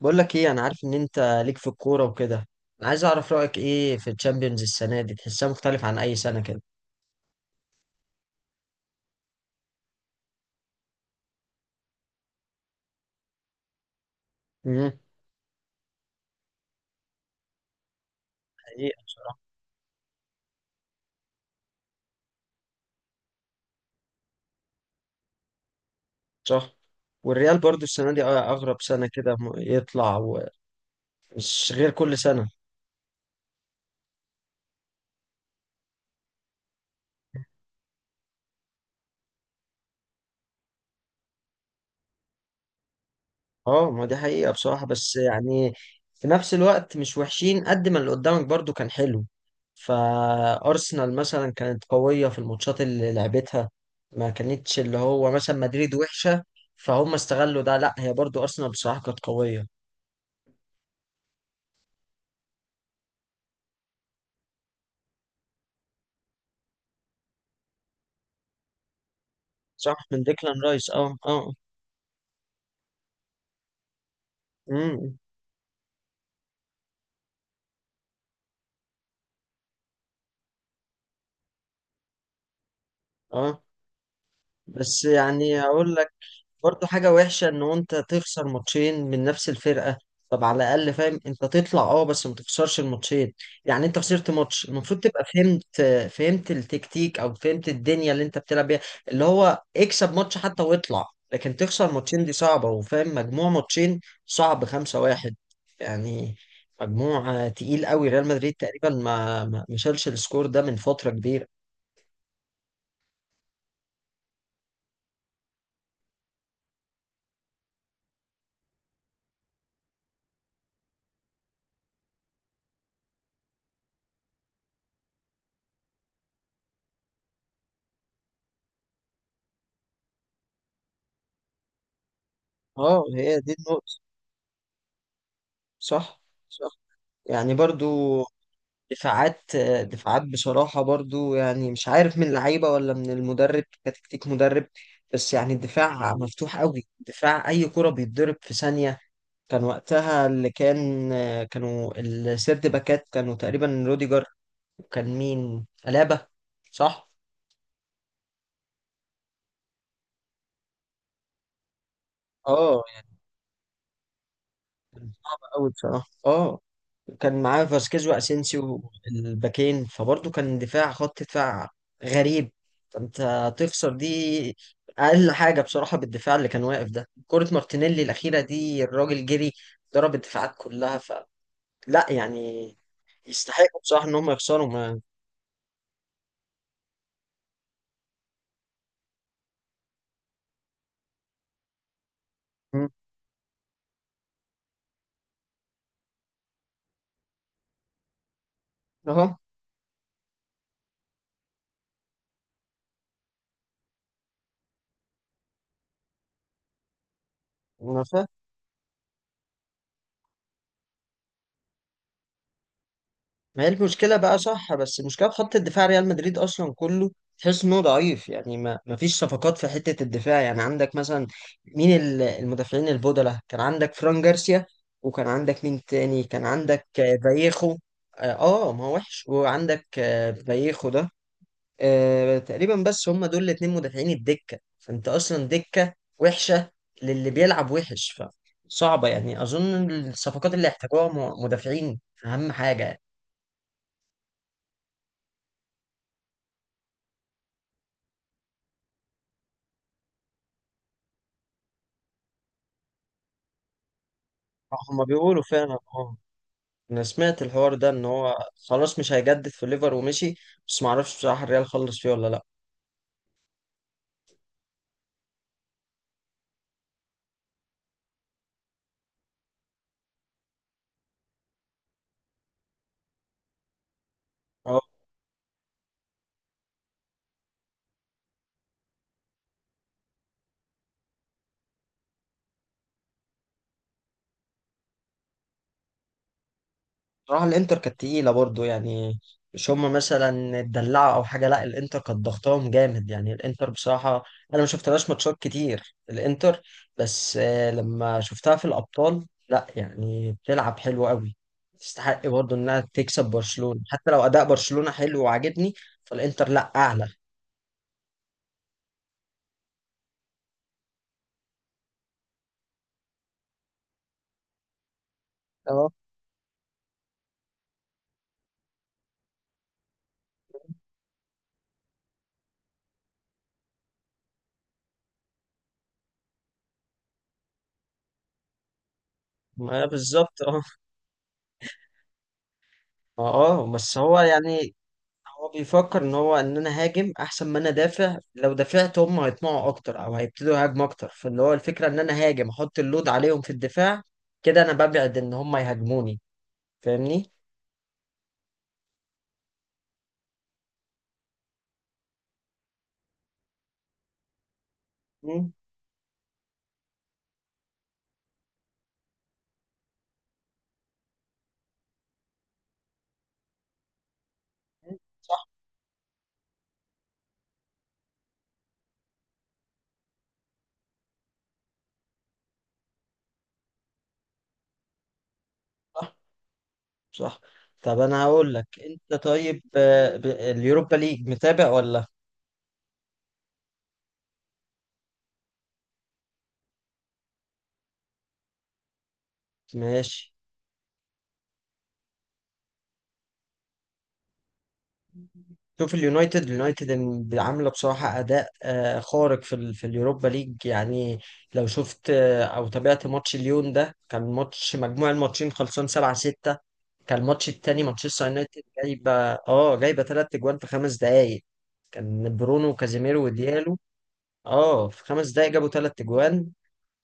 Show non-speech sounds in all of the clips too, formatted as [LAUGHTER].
بقول لك ايه، انا عارف ان انت ليك في الكوره وكده. انا عايز اعرف رايك ايه في الشامبيونز السنه دي، تحسها مختلف عن اي سنه كده؟ مم. حقيقة بصراحه. صح، والريال برضو السنه دي اغرب سنه كده يطلع ومش غير كل سنه. اه، ما دي حقيقه بصراحه، بس يعني في نفس الوقت مش وحشين قد ما اللي قدامك برضو كان حلو. فارسنال مثلا كانت قويه في الماتشات اللي لعبتها، ما كانتش اللي هو مثلا مدريد وحشه فهم استغلوا ده، لا، هي برضو ارسنال بصراحه كانت قويه. صح، من ديكلان رايس، اه اه. امم. اه بس يعني هقول لك، برضو حاجة وحشة ان انت تخسر ماتشين من نفس الفرقة. طب على الاقل فاهم انت تطلع، اه، بس ما تخسرش الماتشين. يعني انت خسرت ماتش المفروض تبقى فهمت، فهمت التكتيك او فهمت الدنيا اللي انت بتلعب بيها، اللي هو اكسب ماتش حتى واطلع. لكن تخسر ماتشين دي صعبة، وفاهم مجموع ماتشين صعب، خمسة واحد يعني. مجموع تقيل قوي، ريال مدريد تقريبا ما شالش السكور ده من فترة كبيرة. اه، هي دي النقطة. صح. صح، يعني برضو دفاعات. دفاعات بصراحة، برضو يعني مش عارف من اللعيبة ولا من المدرب، كتكتيك مدرب. بس يعني الدفاع مفتوح قوي، دفاع أي كرة بيتضرب في ثانية. كان وقتها اللي كان، كانوا السيرد باكات كانوا تقريبا روديجر، وكان مين، ألابا، صح؟ اه يعني قوي بصراحة، اه. كان معاه فاسكيز واسينسيو الباكين، فبرضه كان دفاع، خط دفاع غريب. فانت تخسر دي اقل حاجه بصراحه، بالدفاع اللي كان واقف ده. كره مارتينيلي الاخيره دي، الراجل جري ضرب الدفاعات كلها، فلا يعني يستحقوا بصراحه ان هم يخسروا ما. مم. اهو. ما هي المشكلة بقى، صح، بس المشكلة في خط الدفاع ريال مدريد أصلا كله تحس إنه ضعيف. يعني ما فيش صفقات في حتة الدفاع. يعني عندك مثلا مين، المدافعين البودلة، كان عندك فران جارسيا، وكان عندك مين تاني، كان عندك فايخو. آه. ما هو وحش، وعندك فايخو ده، آه تقريبا. بس هم دول الاتنين مدافعين الدكة، فأنت أصلا دكة وحشة، للي بيلعب وحش. فصعبة يعني، أظن الصفقات اللي احتاجوها مدافعين أهم حاجة. هما بيقولوا فعلا، اه. انا سمعت الحوار ده ان هو خلاص مش هيجدد في الليفر ومشي، بس ما اعرفش بصراحه الريال خلص فيه ولا لا. اه بصراحه الانتر كانت تقيله برضو. يعني مش هما مثلا اتدلعوا او حاجه، لا، الانتر كانت ضغطاهم جامد. يعني الانتر بصراحه انا ما شفتلهاش ماتشات كتير الانتر، بس لما شفتها في الابطال، لا يعني بتلعب حلو قوي. تستحق برضو انها تكسب برشلونه حتى لو اداء برشلونه حلو وعاجبني، فالانتر لا اعلى. اه ما بالظبط، اه. ما اه، بس هو يعني هو بيفكر ان هو، ان انا هاجم احسن ما انا دافع. لو دافعت هم هيطمعوا اكتر او هيبتدوا يهاجموا اكتر، فاللي هو الفكره ان انا هاجم، احط اللود عليهم في الدفاع. كده انا ببعد ان هم يهاجموني، فاهمني. مم. صح. صح. صح. طب انا هقول لك، انت طيب اليوروبا ليج متابع ولا؟ ماشي. شوف اليونايتد، عامله بصراحه اداء خارق في ال في اليوروبا ليج. يعني لو شفت او تابعت ماتش ليون ده، كان ماتش مجموع الماتشين خلصان 7-6. كان الماتش التاني مانشستر يونايتد جايبه ثلاث اجوان في خمس دقائق. كان برونو وكازيميرو وديالو، اه، في خمس دقائق جابوا ثلاث اجوان.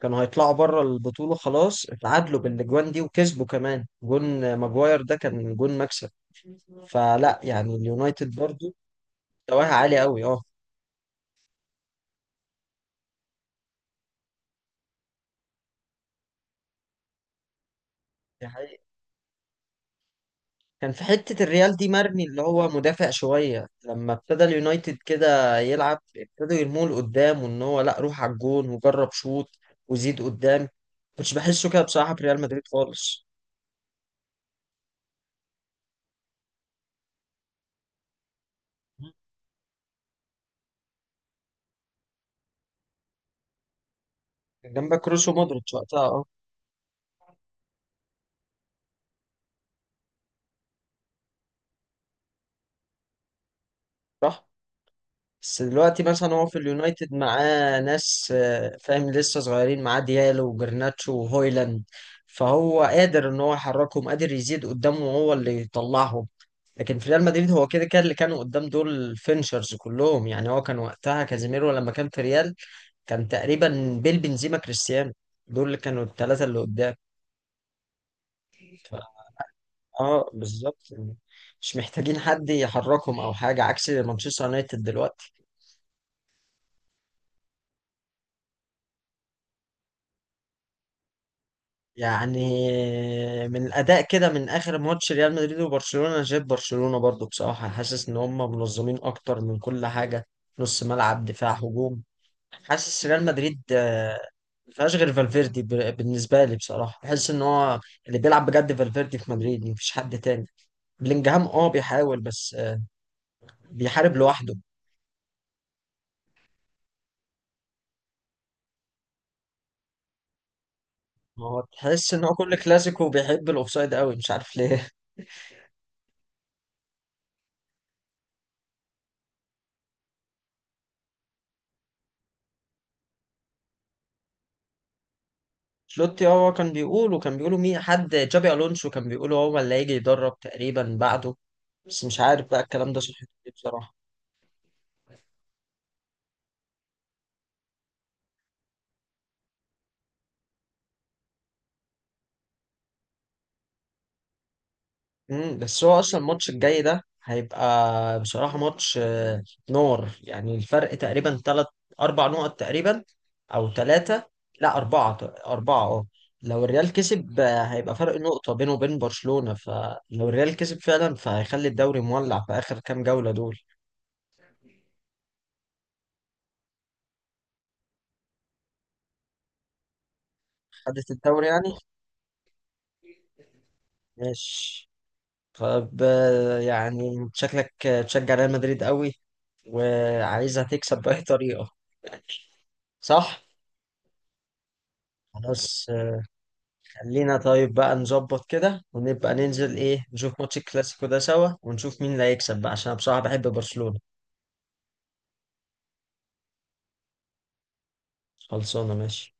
كانوا هيطلعوا بره البطوله، خلاص اتعادلوا بالاجوان دي وكسبوا كمان جون ماجواير ده، كان جون مكسب. فلا يعني اليونايتد برضو مستواه عالي قوي، اه. دي حقيقة. كان في حتة الريال دي مرمي، اللي هو مدافع شوية لما ابتدى اليونايتد كده يلعب، ابتدوا يرموه لقدام، وان هو لا، روح على الجون وجرب شوط وزيد قدام. كنتش بحسه كده بصراحة في ريال مدريد خالص. كان جنبك كروس ومودريتش وقتها، اه. صح، بس دلوقتي مثلا هو في اليونايتد معاه ناس، فاهم، لسه صغيرين، معاه ديالو وجرناتشو وهويلاند. فهو قادر ان هو يحركهم، قادر يزيد قدامه وهو اللي يطلعهم. لكن في ريال مدريد هو كده كده اللي كانوا قدام دول فينشرز كلهم. يعني هو كان وقتها كازيميرو لما كان في ريال، كان تقريبا بيل بنزيما كريستيانو، دول اللي كانوا الثلاثة اللي قدام. ف- اه بالظبط يعني، مش محتاجين حد يحركهم او حاجة، عكس مانشستر يونايتد دلوقتي. يعني من الاداء كده، من اخر ماتش ريال مدريد وبرشلونة، أنا شايف برشلونة برضو بصراحة، حاسس ان هم منظمين اكتر من كل حاجة، نص ملعب دفاع هجوم. حاسس ريال مدريد ما فيهاش غير فالفيردي. بالنسبه لي بصراحه، بحس ان هو اللي بيلعب بجد فالفيردي في مدريد، مفيش حد تاني. بلينجهام اه بيحاول، بس بيحارب لوحده. هو تحس ان هو كل كلاسيكو بيحب الاوفسايد قوي، مش عارف ليه. [LAUGHS] شلوتي هو كان بيقول، وكان بيقولوا مين، حد، جابي الونسو، كان بيقولوا هو اللي هيجي يدرب تقريبا بعده، بس مش عارف بقى الكلام ده صحيح ولا إيه بصراحه. مم، بس هو اصلا الماتش الجاي ده هيبقى بصراحه ماتش نار. يعني الفرق تقريبا ثلاث اربع نقط تقريبا، او ثلاثه، لا اربعه، اربعه اه. لو الريال كسب، هيبقى فرق نقطه بينه وبين برشلونه، فلو الريال كسب فعلا فهيخلي الدوري مولع في اخر كام جوله دول. خدت الدوري يعني. ماشي. طب يعني شكلك تشجع ريال مدريد قوي وعايزها تكسب باي طريقه. صح. خلاص. خلينا طيب بقى نظبط كده، ونبقى ننزل ايه، نشوف ماتش الكلاسيكو ده سوا، ونشوف مين اللي هيكسب بقى، عشان انا بصراحة بحب برشلونة. خلصانة، ماشي.